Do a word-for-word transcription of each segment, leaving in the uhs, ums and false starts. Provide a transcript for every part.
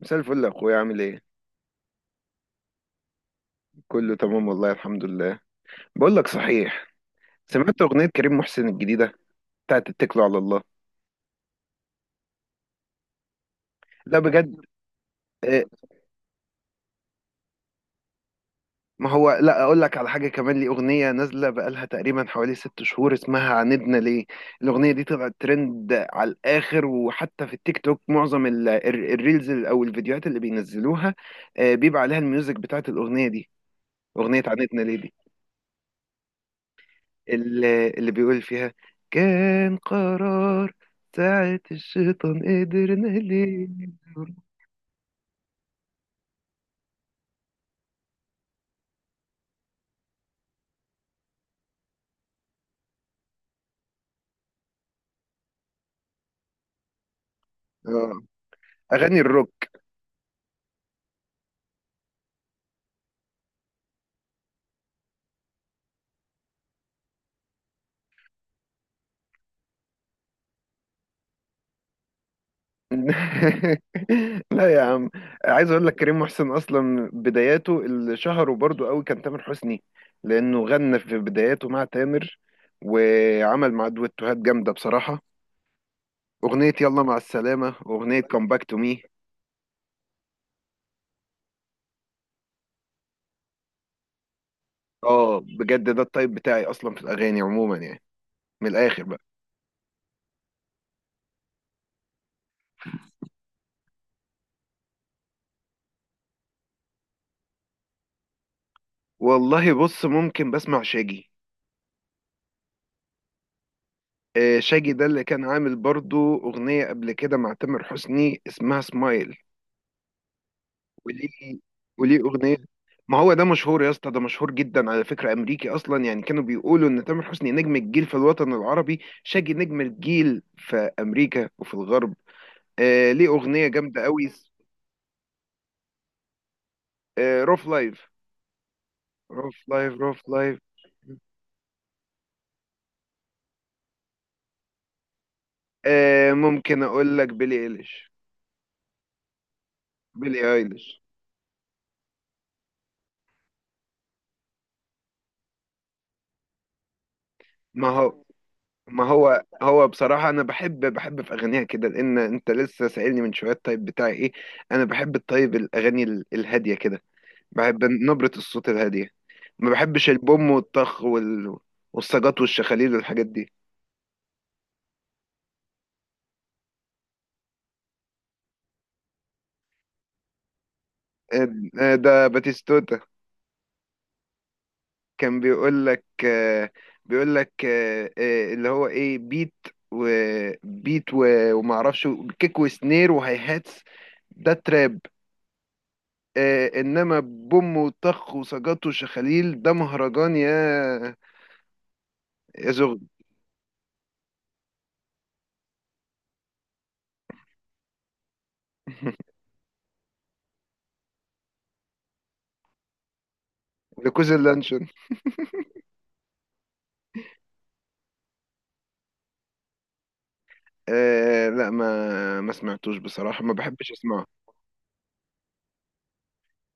مساء الفل يا اخويا، عامل ايه؟ كله تمام والله، الحمد لله. بقول لك صحيح، سمعت اغنيه كريم محسن الجديده بتاعت اتكلوا على الله؟ لا بجد. إيه، ما هو لا اقول لك على حاجه كمان، لي اغنيه نازله بقالها تقريبا حوالي ست شهور اسمها عاندنا ليه. الاغنيه دي طلعت ترند على الاخر، وحتى في التيك توك معظم ال- ال- الريلز او الفيديوهات اللي بينزلوها آه، بيبقى عليها الميوزك بتاعت الاغنيه دي، اغنيه عاندنا ليه دي. اللي, اللي بيقول فيها كان قرار ساعة الشيطان، قدرنا ليه. اه، اغاني الروك. لا يا عم، عايز اقول لك كريم محسن اصلا بداياته اللي شهره برضو قوي كان تامر حسني، لانه غنى في بداياته مع تامر وعمل مع دويتوهات جامده بصراحه. اغنيه يلا مع السلامه، اغنيه كم باك تو مي. اه بجد، ده التايب بتاعي اصلا في الاغاني عموما يعني، من الاخر. والله بص، ممكن بسمع شاجي. آه، شاجي ده اللي كان عامل برضو أغنية قبل كده مع تامر حسني اسمها سمايل. وليه؟ وليه أغنية؟ ما هو ده مشهور يا اسطى، ده مشهور جدا على فكرة، أمريكي أصلا يعني. كانوا بيقولوا إن تامر حسني نجم الجيل في الوطن العربي، شاجي نجم الجيل في أمريكا وفي الغرب. آه ليه، أغنية جامدة قوي. آه روف لايف، روف لايف، روف لايف. آه ممكن أقول لك بيلي إيليش. بيلي إيليش. ما هو ما هو هو بصراحة أنا بحب بحب في أغانيها كده، لأن أنت لسه سائلني من شوية الطيب بتاعي إيه. أنا بحب الطيب، الأغاني ال- الهادية كده، بحب نبرة الصوت الهادية. ما بحبش البوم والطخ وال... والسجاط والشخاليل والحاجات دي. آه، آه، ده باتيستوتا. كان بيقول لك، آه، بيقول لك آه، آه، اللي هو إيه، بيت وبيت و... ومعرفش، كيك وسنير وهاي هاتس. ده تراب. آه انما بوم وطخ وسجاته وشخاليل ده مهرجان، يا يا زغل. ركوز اللانشون. آه لا، ما ما سمعتوش بصراحه، ما بحبش اسمعه،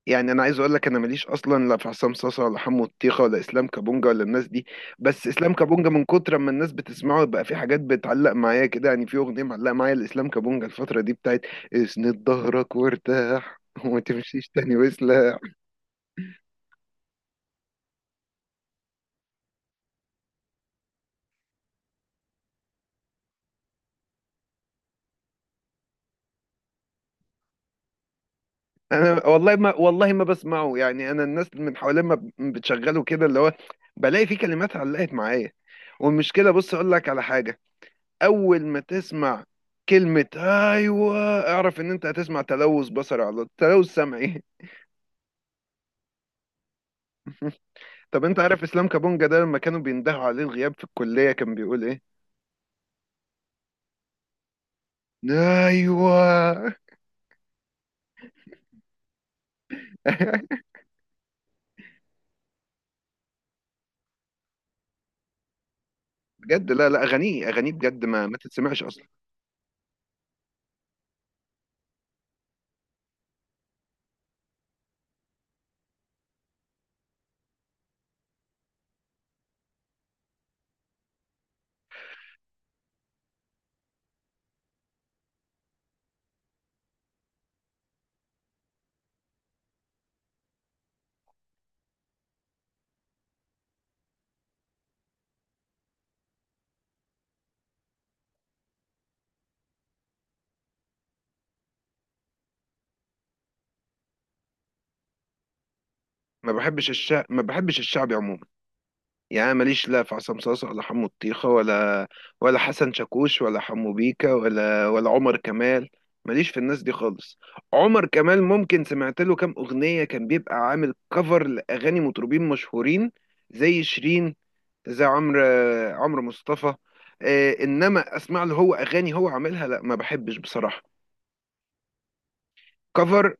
يعني انا عايز اقول لك انا ماليش اصلا، لا في عصام صاصا ولا حمو الطيخه ولا اسلام كابونجا ولا الناس دي. بس اسلام كابونجا من كتر ما الناس بتسمعه بقى، في حاجات بتعلق معايا كده، يعني في اغنيه معلقه معايا لاسلام كابونجا الفتره دي بتاعت اسند ظهرك وارتاح، وما تمشيش تاني وسلا. انا والله ما، والله ما بسمعه، يعني انا الناس من حوالين ما ب- بتشغله كده اللي هو، بلاقي فيه كلمات علقت معايا. والمشكله، بص اقول لك على حاجه، اول ما تسمع كلمه ايوه اعرف ان انت هتسمع تلوث بصري على تلوث سمعي. طب انت عارف اسلام كابونجا ده لما كانوا بيندهوا عليه الغياب في الكليه كان بيقول ايه؟ ايوه. بجد لا لا، اغانيه اغانيه بجد ما ما تتسمعش اصلا. ما بحبش الشعب، ما بحبش الشعبي عموما، يعني أنا ماليش لا في عصام صاصا ولا حمو الطيخة ولا، ولا حسن شاكوش ولا حمو بيكا ولا ولا عمر كمال. ماليش في الناس دي خالص. عمر كمال ممكن سمعت له كام أغنية، كان بيبقى عامل كفر لأغاني مطربين مشهورين، زي شيرين، زي عمرو، عمرو مصطفى. آه، إنما أسمع له هو أغاني هو عاملها، لا ما بحبش بصراحة. كفر،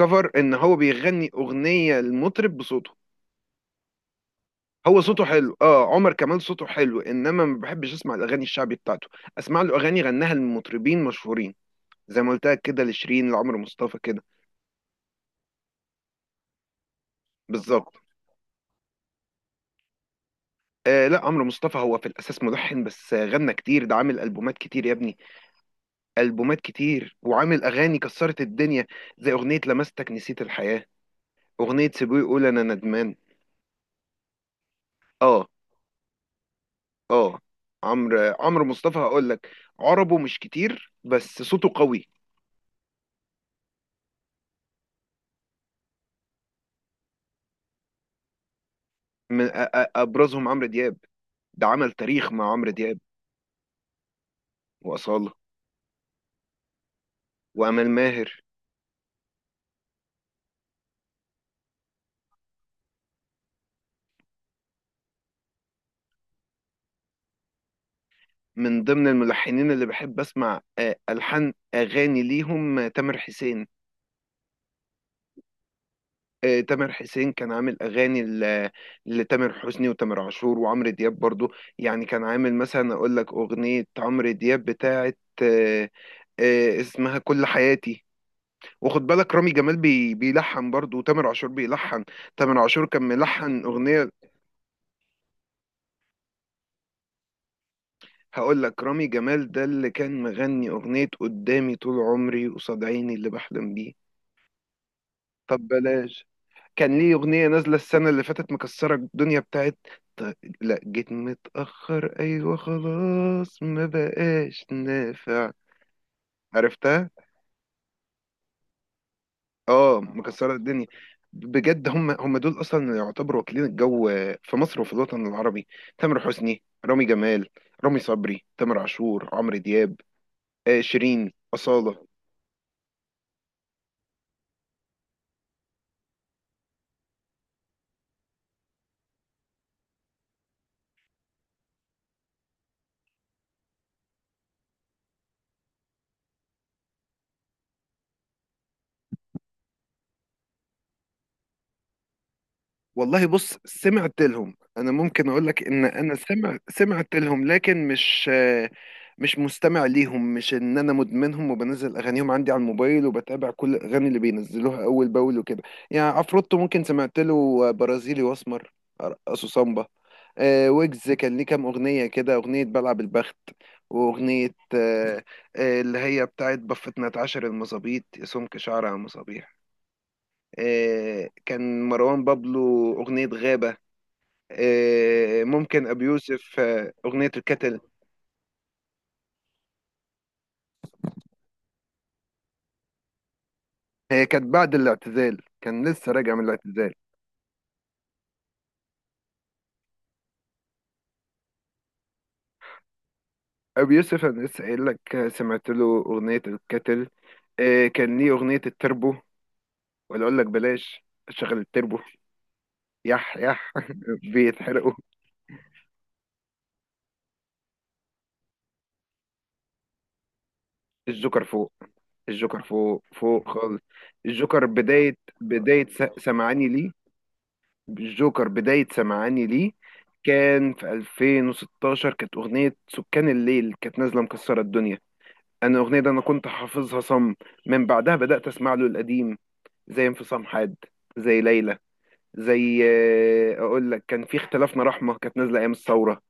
كفر إن هو بيغني أغنية المطرب بصوته. هو صوته حلو، اه، عمر كمال صوته حلو، انما ما بحبش اسمع الاغاني الشعبي بتاعته. اسمع له اغاني غناها لمطربين مشهورين، زي ما قلت لك كده، لشيرين، لعمرو مصطفى كده. بالظبط. آه لا، عمرو مصطفى هو في الاساس ملحن بس، آه، غنى كتير، ده عامل البومات كتير يا ابني. البومات كتير وعامل اغاني كسرت الدنيا، زي اغنيه لمستك نسيت الحياه، اغنيه سيبوي يقول انا ندمان. اه. اه، عمرو عمرو مصطفى هقول لك، عربه مش كتير بس صوته قوي. من أ- أ- ابرزهم عمرو دياب، ده عمل تاريخ مع عمرو دياب. وأصالة وأمال ماهر. من ضمن الملحنين اللي بحب أسمع آه، ألحان أغاني ليهم، آه، تامر حسين. آه، تامر حسين كان عامل أغاني ل- لتامر حسني وتامر عاشور وعمرو دياب برضو. يعني كان عامل مثلا أقول لك أغنية عمرو دياب بتاعت، آه، آه، اسمها كل حياتي. واخد بالك، رامي جمال بي بيلحن برضه، وتامر عاشور بيلحن. تامر عاشور كان ملحن أغنية. هقول لك رامي جمال ده اللي كان مغني أغنية قدامي طول عمري، قصاد عيني اللي بحلم بيه. طب بلاش، كان ليه أغنية نازلة السنة اللي فاتت مكسرة الدنيا بتاعت، ط- لا، جيت متأخر أيوة خلاص ما بقاش نافع. عرفتها؟ اه، مكسرة الدنيا. بجد هم هم دول اصلا اللي يعتبروا واكلين الجو في مصر وفي الوطن العربي. تامر حسني، رامي جمال، رامي صبري، تامر عاشور، عمرو دياب، آه، شيرين، أصالة. والله بص، سمعت لهم انا، ممكن اقول لك ان انا سمع سمعت لهم لكن مش مش مستمع ليهم، مش ان انا مدمنهم وبنزل اغانيهم عندي على الموبايل وبتابع كل الاغاني اللي بينزلوها اول باول وكده. يعني عفروتو ممكن سمعت له برازيلي واسمر، ارقصه سامبا. آه، ويجز كان ليه كام اغنيه كده، اغنيه بلعب البخت، واغنيه آه، آه، اللي هي بتاعت بفتنا اتعشر المظابيط يا سمك شعر على المصابيح. آه، كان مروان بابلو أغنية غابة. آه، ممكن أبي يوسف آه، أغنية الكتل. هي كانت بعد الاعتزال، كان لسه راجع من الاعتزال. أبي يوسف أنا لسه قايل لك، آه، سمعت له أغنية الكتل. آه، كان ليه أغنية التربو، ولا أقول لك بلاش شغل التربو. يح يح. بيتحرقوا. الجوكر فوق، الجوكر فوق فوق خالص. الجوكر بداية بداية س- سمعاني ليه؟ الجوكر بداية سمعاني ليه. كان في ألفين وستاشر كانت أغنية سكان الليل كانت نازلة مكسرة الدنيا. أنا الأغنية دي أنا كنت حافظها صم. من بعدها بدأت أسمع له القديم، زي انفصام حاد، زي ليلى، زي، آه، أقول لك كان في اختلافنا رحمة كانت نازلة أيام الثورة.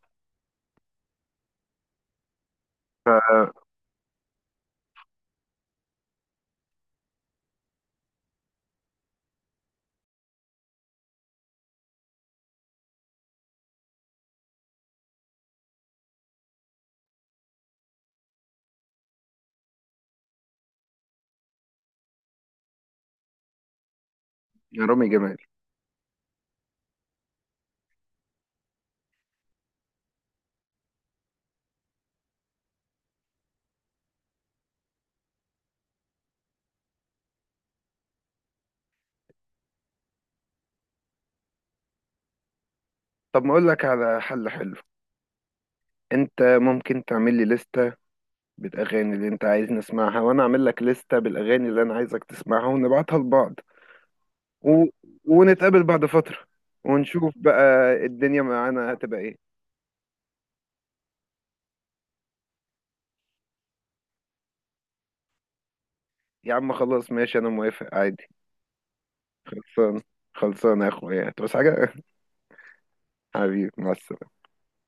يا رامي جمال. طب ما أقول لك على حل حلو، أنت ممكن تعمل لي لستة بالأغاني اللي أنت عايز نسمعها، وأنا أعمل لك لستة بالأغاني اللي أنا عايزك تسمعها، ونبعتها لبعض و... ونتقابل بعد فترة، ونشوف بقى الدنيا معانا هتبقى ايه. يا عم خلاص ماشي، انا موافق عادي. خلصان. خلصان يا اخويا، بس حاجة. حبيبي مع السلامة.